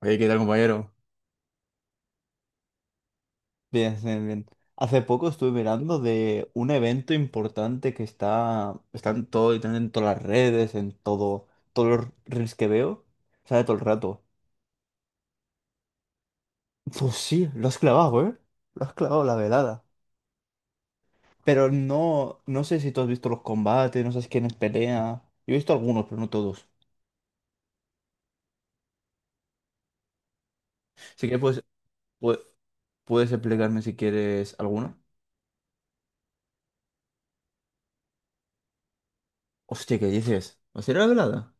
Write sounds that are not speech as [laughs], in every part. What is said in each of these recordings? Oye, ¿qué tal, compañero? Bien, bien, bien. Hace poco estuve mirando de un evento importante que está en todo, literalmente en todas las redes, en todo, todos los reels que veo, sale todo el rato. Pues sí, lo has clavado, ¿eh? Lo has clavado la velada. Pero no, no sé si tú has visto los combates, no sabes quiénes pelea. Yo he visto algunos, pero no todos. Así que pues, pu- puedes explicarme si quieres alguno. Hostia, ¿qué dices? ¿Va a ser la velada?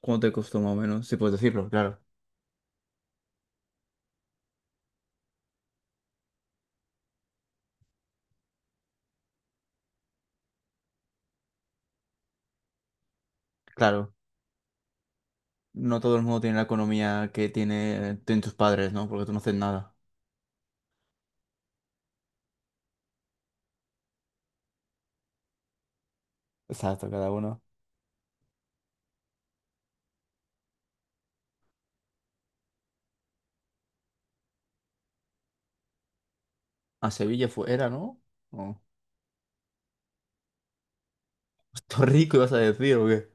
¿Cuánto te costó más o menos? Si puedes decirlo, claro. Claro. No todo el mundo tiene la economía que tienen tus padres, ¿no? Porque tú no haces nada. Exacto, cada uno. A Sevilla fue, era, ¿no? No. [laughs] Puerto Rico, ibas a decir, ¿o qué?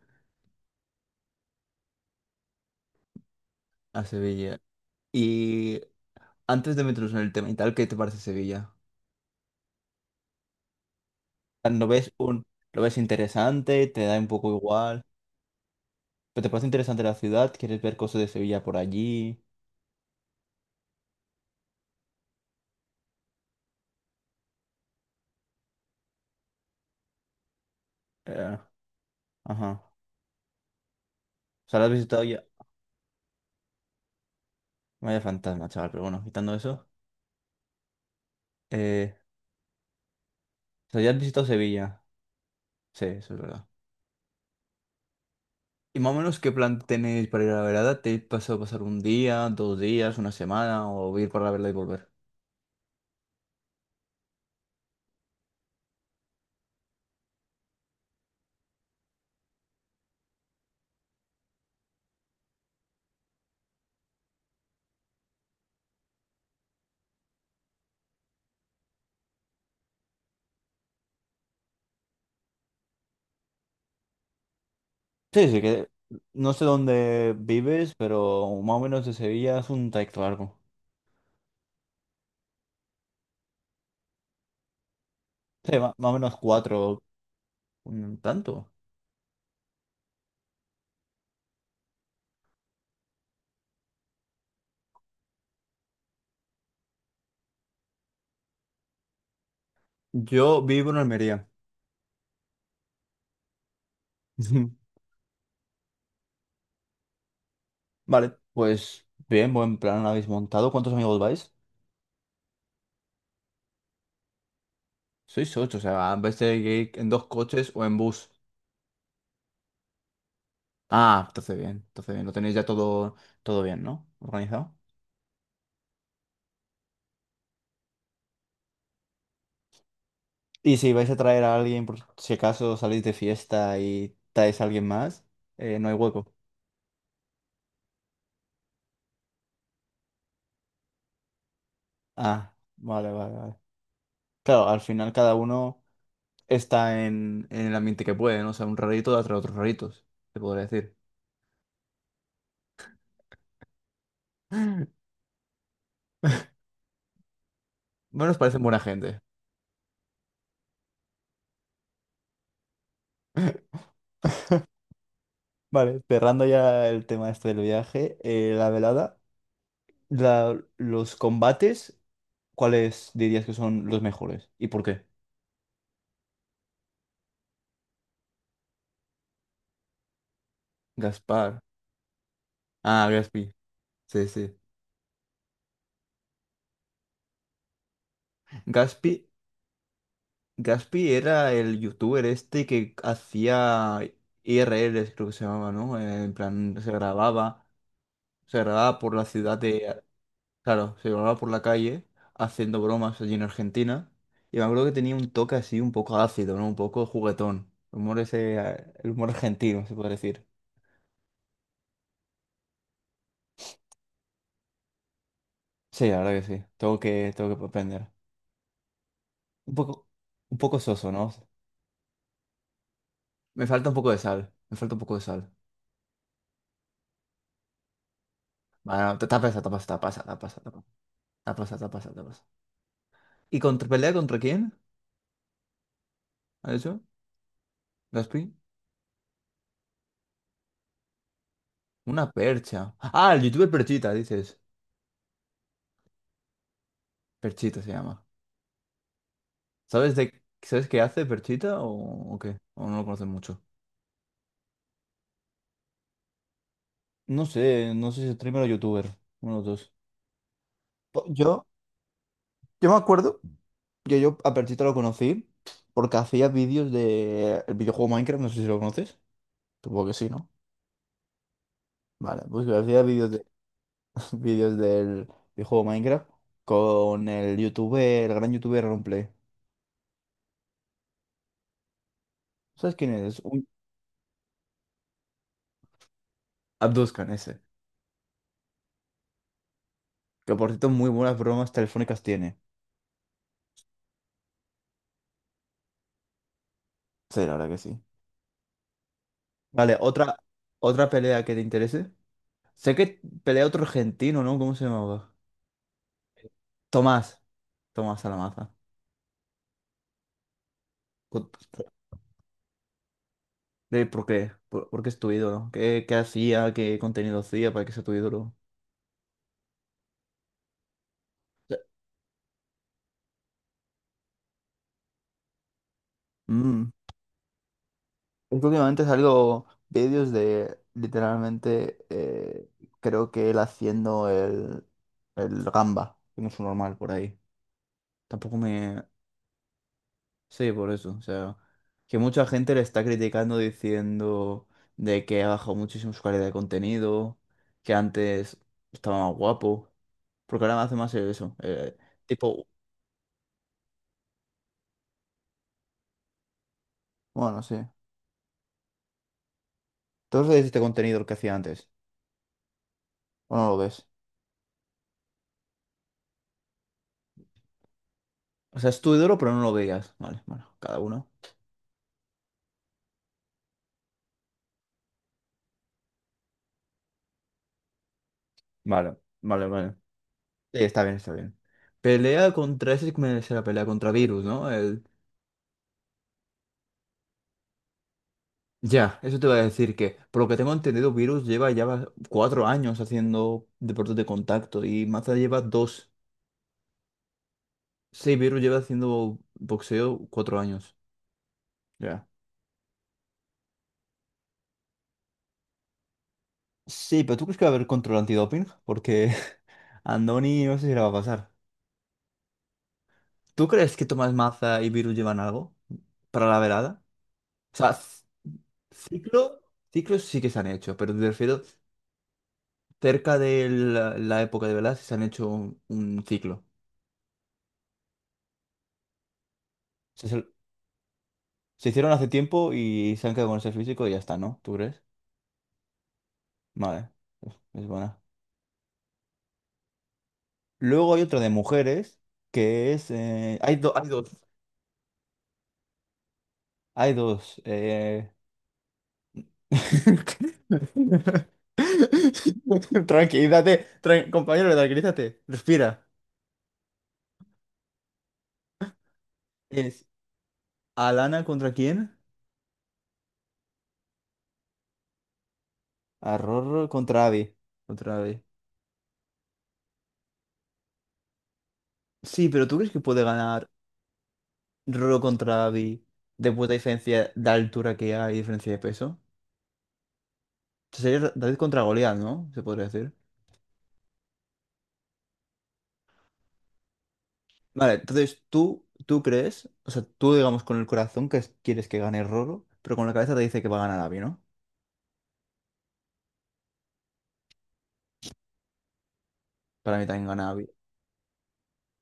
A Sevilla. Y antes de meternos en el tema y tal, ¿qué te parece Sevilla? ¿Lo ves un, lo ves interesante? ¿Te da un poco igual? ¿Pero te parece interesante la ciudad? ¿Quieres ver cosas de Sevilla por allí? Eh, ajá. O sea, ¿la has visitado ya? Vaya fantasma, chaval, pero bueno, quitando eso. Eh, o sea, ya has visitado Sevilla. Sí, eso es verdad. ¿Y más o menos qué plan tenéis para ir a la verada? ¿Te pasado pasar un día, 2 días, una semana o ir para la vereda y volver? Sí, sí, que no sé dónde vives, pero más o menos de Sevilla es un trayecto largo. Sí, más o menos cuatro, un tanto. Yo vivo en Almería. [laughs] Vale, pues bien, buen plan habéis montado. ¿Cuántos amigos vais? Sois ocho, o sea, en vez de ir en dos coches o en bus. Ah, entonces bien, lo tenéis ya todo, todo bien, ¿no? Organizado. Y si vais a traer a alguien, por si acaso salís de fiesta y traes a alguien más, no hay hueco. Ah, vale, vale, vale. Claro, al final cada uno está en el ambiente que puede, ¿no? O sea, un rarito da tras otros raritos, te podría decir. [laughs] Bueno, os parecen buena gente. [laughs] Vale, cerrando ya el tema este del viaje, la velada, los combates, ¿cuáles dirías que son los mejores? ¿Y por qué? Gaspar. Ah, Gaspi. Sí, sí. Gaspi Gaspi era el youtuber este que hacía IRLs, creo que se llamaba, ¿no? En plan, se grababa por la ciudad de... Claro, se grababa por la calle haciendo bromas allí en Argentina. Y me acuerdo que tenía un toque así un poco ácido, ¿no? Un poco juguetón. El humor ese, el humor argentino, se puede decir. Sí, la verdad que sí. Tengo que aprender. Un poco, un poco soso, ¿no? Me falta un poco de sal. Me falta un poco de sal. Bueno, tapas, tapas, tapas, tapas, tapas, tapas, tapas, tapas, tapas. ¿Y contra pelea contra quién? ¿A eso? ¿Gaspi? Una percha. Ah, el youtuber Perchita, dices. Perchita se llama. ¿Sabes de sabes qué hace Perchita o qué? O no lo conoces mucho. No sé, no sé si es streamer o youtuber. Uno de los dos. Po- Yo, yo me acuerdo que yo a Perchita lo conocí porque hacía vídeos de el videojuego Minecraft, no sé si lo conoces. Supongo que sí, ¿no? Vale, pues yo hacía vídeos de [laughs] vídeos del videojuego Minecraft con el youtuber, el gran youtuber Romplay. ¿Sabes quién es? Abduzcan ese. Que por cierto, muy buenas bromas telefónicas tiene. Sí, la verdad que sí. Vale, otra pelea que te interese. Sé que pelea otro argentino, ¿no? ¿Cómo se llamaba? Tomás. Tomás Alamaza. Co- ¿Por qué? ¿Por qué es tu ídolo? ¿No? ¿Qué hacía? ¿Qué contenido hacía para que sea tu ídolo? Sí. Mm. Es que últimamente salgo vídeos de literalmente, creo que él haciendo el, gamba, que no es un normal por ahí. Tampoco me. Sí, por eso. O sea, que mucha gente le está criticando diciendo de que ha bajado muchísimo su calidad de contenido, que antes estaba más guapo, porque ahora me hace más eso. Tipo, bueno, sí. Todos veis este contenido el que hacía antes, o no lo ves. O sea, es tu ídolo, pero no lo veías. Vale, bueno, cada uno. Vale, vale, vale. Sí, está bien, está bien. Ese sí me la pelea contra Virus, ¿no? Ya, eso te voy a decir que, por lo que tengo entendido, Virus lleva ya 4 años haciendo deportes de contacto y Maza lleva dos. Sí, Virus lleva haciendo boxeo 4 años. Ya. Sí, pero ¿tú crees que va a haber control antidoping? Porque [laughs] a Andoni no sé si le va a pasar. ¿Tú crees que Tomás Maza y Virus llevan algo para la velada? O sea, ciclo, ciclos sí que se han hecho, pero te refiero cerca de la época de velada sí se han hecho un ciclo. Se hicieron hace tiempo y se han quedado con ese físico y ya está, ¿no? ¿Tú crees? Vale, es buena. Luego hay otra de mujeres que es... hay dos. Hay dos. [laughs] Tranquilízate, compañero, tranquilízate. Respira. ¿Es Alana contra quién? A Rorro contra Abby. Contra Abby. Sí, pero ¿tú crees que puede ganar Rorro contra Abby después de la diferencia de altura que hay y diferencia de peso? Sería David contra Goliat, ¿no? Se podría decir. Vale, entonces tú crees, o sea, tú digamos con el corazón que quieres que gane Roro, pero con la cabeza te dice que va a ganar Abby, ¿no? Para mí también gana Abby.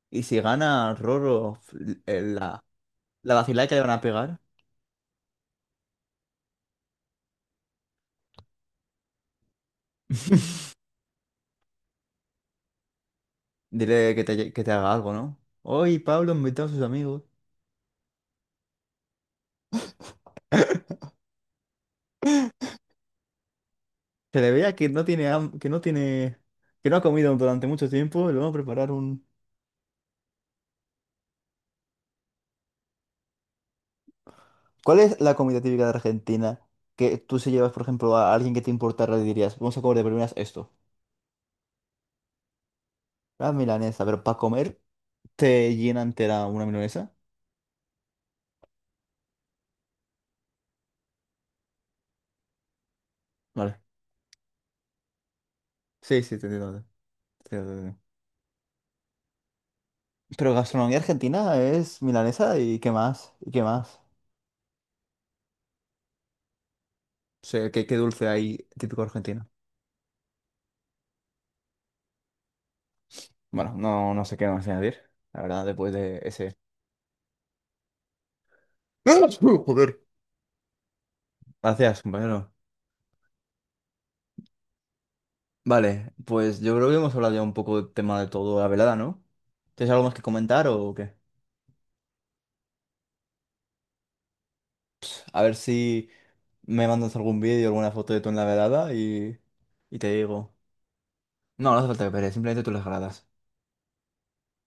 Y si gana Roro, eh, la, la vacilada que le van a pegar, [laughs] dile que te, haga algo, ¿no? Hoy Pablo invitó a sus amigos. Se le veía que no tiene, que no tiene, que no ha comido durante mucho tiempo, le vamos a preparar un. ¿Cuál es la comida típica de Argentina que tú si llevas, por ejemplo, a alguien que te importara, le dirías, vamos a comer de primeras esto? La milanesa, pero para comer, ¿te llena entera una milanesa? Vale. Sí, sí, te entiendo. Te entiendo, te entiendo. Pero gastronomía argentina es milanesa y qué más, y qué más. O sea, ¿qué dulce hay típico argentino? Bueno, no, no sé qué más añadir, la verdad, después de ese... [laughs] ¡Ah! Joder! Gracias, compañero. Vale, pues yo creo que hemos hablado ya un poco del tema de todo la velada, ¿no? ¿Tienes algo más que comentar o qué? A ver si me mandas algún vídeo, alguna foto de tú en la velada y te digo. No, no hace falta que pelees, simplemente tú las gradas.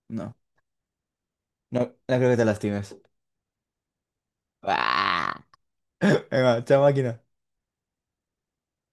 No, no, no creo que te lastimes. [laughs] ¡Ah! Venga, chao máquina.